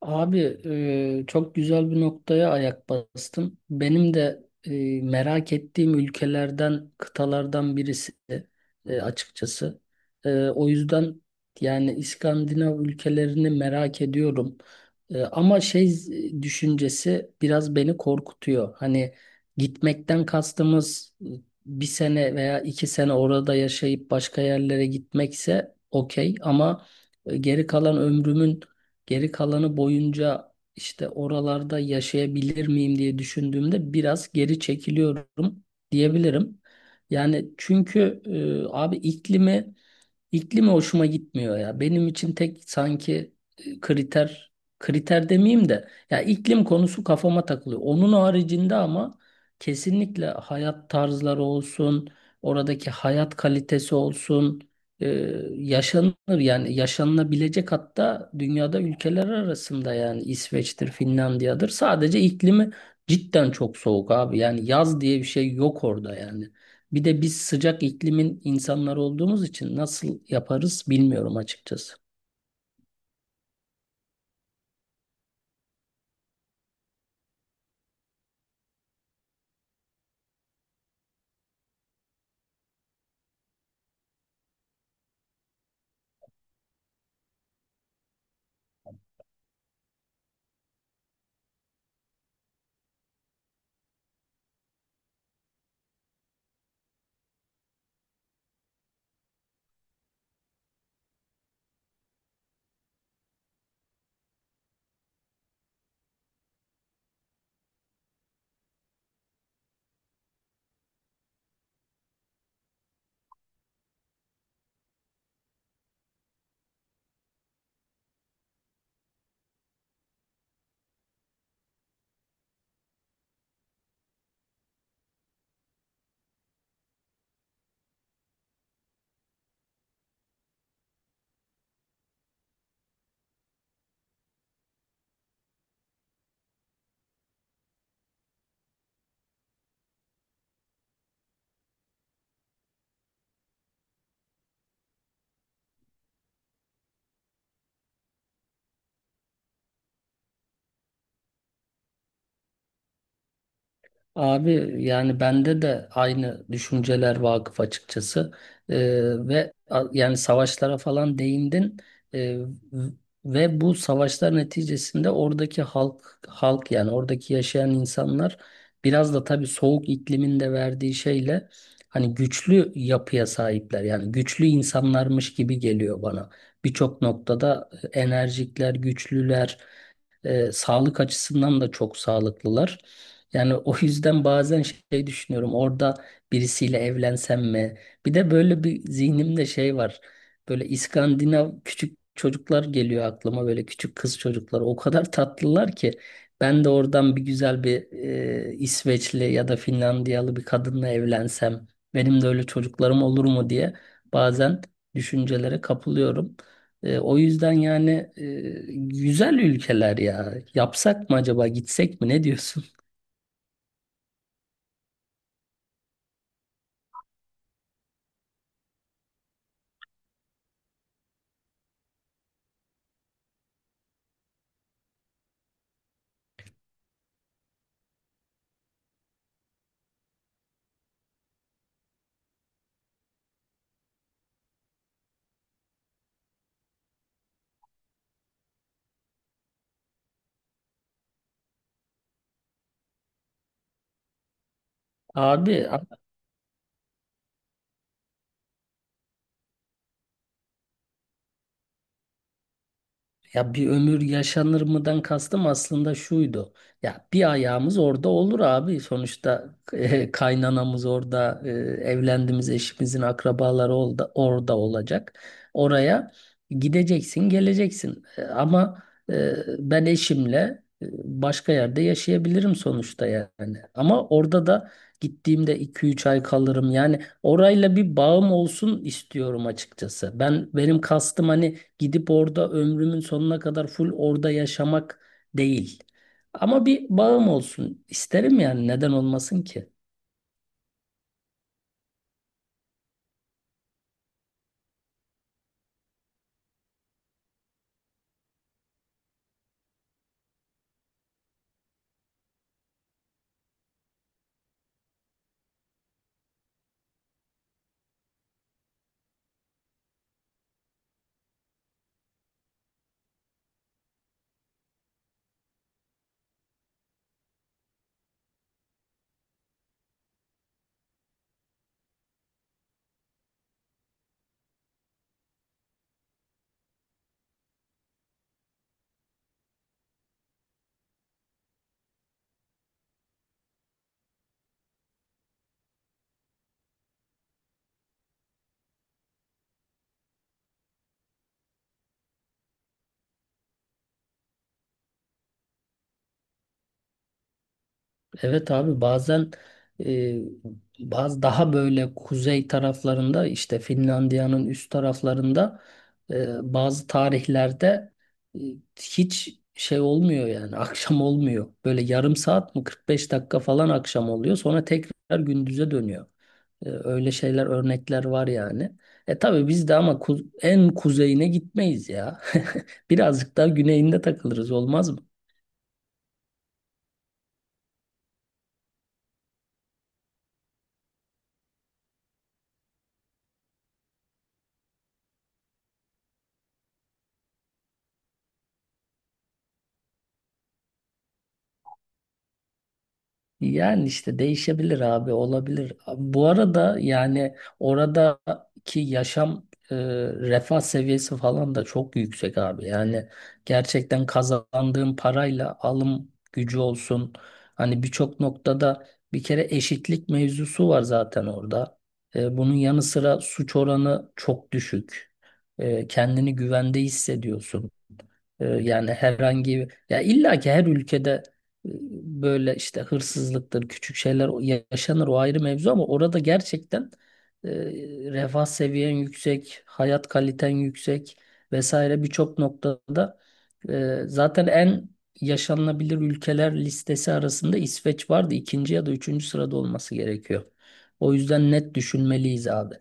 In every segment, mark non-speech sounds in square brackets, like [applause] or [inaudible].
Abi, çok güzel bir noktaya ayak bastın. Benim de merak ettiğim ülkelerden, kıtalardan birisi açıkçası. O yüzden yani İskandinav ülkelerini merak ediyorum. Ama düşüncesi biraz beni korkutuyor. Hani gitmekten kastımız bir sene veya 2 sene orada yaşayıp başka yerlere gitmekse okey ama geri kalan ömrümün geri kalanı boyunca işte oralarda yaşayabilir miyim diye düşündüğümde biraz geri çekiliyorum diyebilirim. Yani çünkü abi iklimi hoşuma gitmiyor ya. Benim için tek sanki kriter demeyeyim de ya iklim konusu kafama takılıyor. Onun haricinde ama kesinlikle hayat tarzları olsun, oradaki hayat kalitesi olsun, e, yaşanır yani yaşanılabilecek hatta dünyada ülkeler arasında yani İsveç'tir, Finlandiya'dır. Sadece iklimi cidden çok soğuk abi. Yani yaz diye bir şey yok orada yani. Bir de biz sıcak iklimin insanları olduğumuz için nasıl yaparız bilmiyorum açıkçası. Abi yani bende de aynı düşünceler vakıf açıkçası. Yani savaşlara falan değindin. Ee, v- ve bu savaşlar neticesinde oradaki halk yani oradaki yaşayan insanlar biraz da tabii soğuk iklimin de verdiği şeyle hani güçlü yapıya sahipler yani güçlü insanlarmış gibi geliyor bana. Birçok noktada enerjikler, güçlüler, sağlık açısından da çok sağlıklılar. Yani o yüzden bazen şey düşünüyorum. Orada birisiyle evlensem mi? Bir de böyle bir zihnimde şey var. Böyle İskandinav küçük çocuklar geliyor aklıma. Böyle küçük kız çocuklar. O kadar tatlılar ki. Ben de oradan bir güzel bir İsveçli ya da Finlandiyalı bir kadınla evlensem. Benim de öyle çocuklarım olur mu diye bazen düşüncelere kapılıyorum. O yüzden yani güzel ülkeler ya. Yapsak mı acaba? Gitsek mi? Ne diyorsun? Abi, ya bir ömür yaşanır mıdan kastım aslında şuydu. Ya bir ayağımız orada olur abi. Sonuçta kaynanamız orada, evlendiğimiz eşimizin akrabaları orada, orada olacak. Oraya gideceksin, geleceksin. Ama eh, ben eşimle başka yerde yaşayabilirim sonuçta yani. Ama orada da gittiğimde 2 3 ay kalırım. Yani orayla bir bağım olsun istiyorum açıkçası. Benim kastım hani gidip orada ömrümün sonuna kadar full orada yaşamak değil. Ama bir bağım olsun isterim yani neden olmasın ki? Evet abi, bazen e, bazı daha böyle kuzey taraflarında işte Finlandiya'nın üst taraflarında bazı tarihlerde e, hiç şey olmuyor yani [laughs] akşam olmuyor. Böyle yarım saat mi 45 dakika falan akşam oluyor sonra tekrar gündüze dönüyor. Öyle şeyler, örnekler var yani. E tabii biz de ama en kuzeyine gitmeyiz ya. [laughs] Birazcık daha güneyinde takılırız, olmaz mı? Yani işte değişebilir abi, olabilir. Bu arada yani oradaki yaşam refah seviyesi falan da çok yüksek abi. Yani gerçekten kazandığın parayla alım gücü olsun. Hani birçok noktada bir kere eşitlik mevzusu var zaten orada. Bunun yanı sıra suç oranı çok düşük. Kendini güvende hissediyorsun. Yani herhangi ya illa ki her ülkede e, böyle işte hırsızlıktır, küçük şeyler yaşanır, o ayrı mevzu ama orada gerçekten e, refah seviyen yüksek, hayat kaliten yüksek vesaire. Birçok noktada zaten en yaşanılabilir ülkeler listesi arasında İsveç vardı. İkinci ya da üçüncü sırada olması gerekiyor. O yüzden net düşünmeliyiz abi.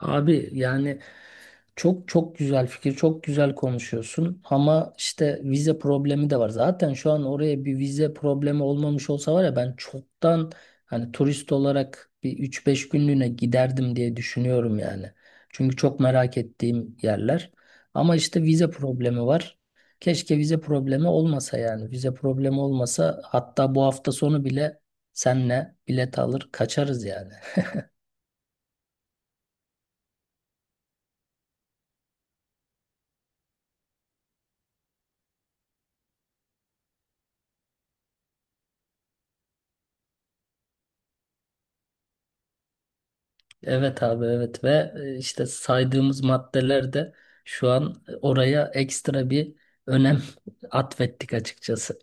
Abi yani çok çok güzel fikir, çok güzel konuşuyorsun ama işte vize problemi de var. Zaten şu an oraya bir vize problemi olmamış olsa var ya, ben çoktan hani turist olarak bir üç beş günlüğüne giderdim diye düşünüyorum yani. Çünkü çok merak ettiğim yerler. Ama işte vize problemi var. Keşke vize problemi olmasa yani. Vize problemi olmasa hatta bu hafta sonu bile senle bilet alır kaçarız yani. Evet abi, evet. Ve işte saydığımız maddeler de şu an oraya ekstra bir önem [laughs] atfettik açıkçası.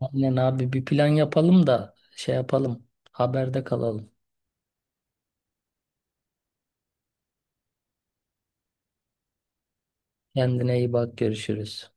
Aynen abi, bir plan yapalım da şey yapalım, haberde kalalım. Kendine iyi bak, görüşürüz.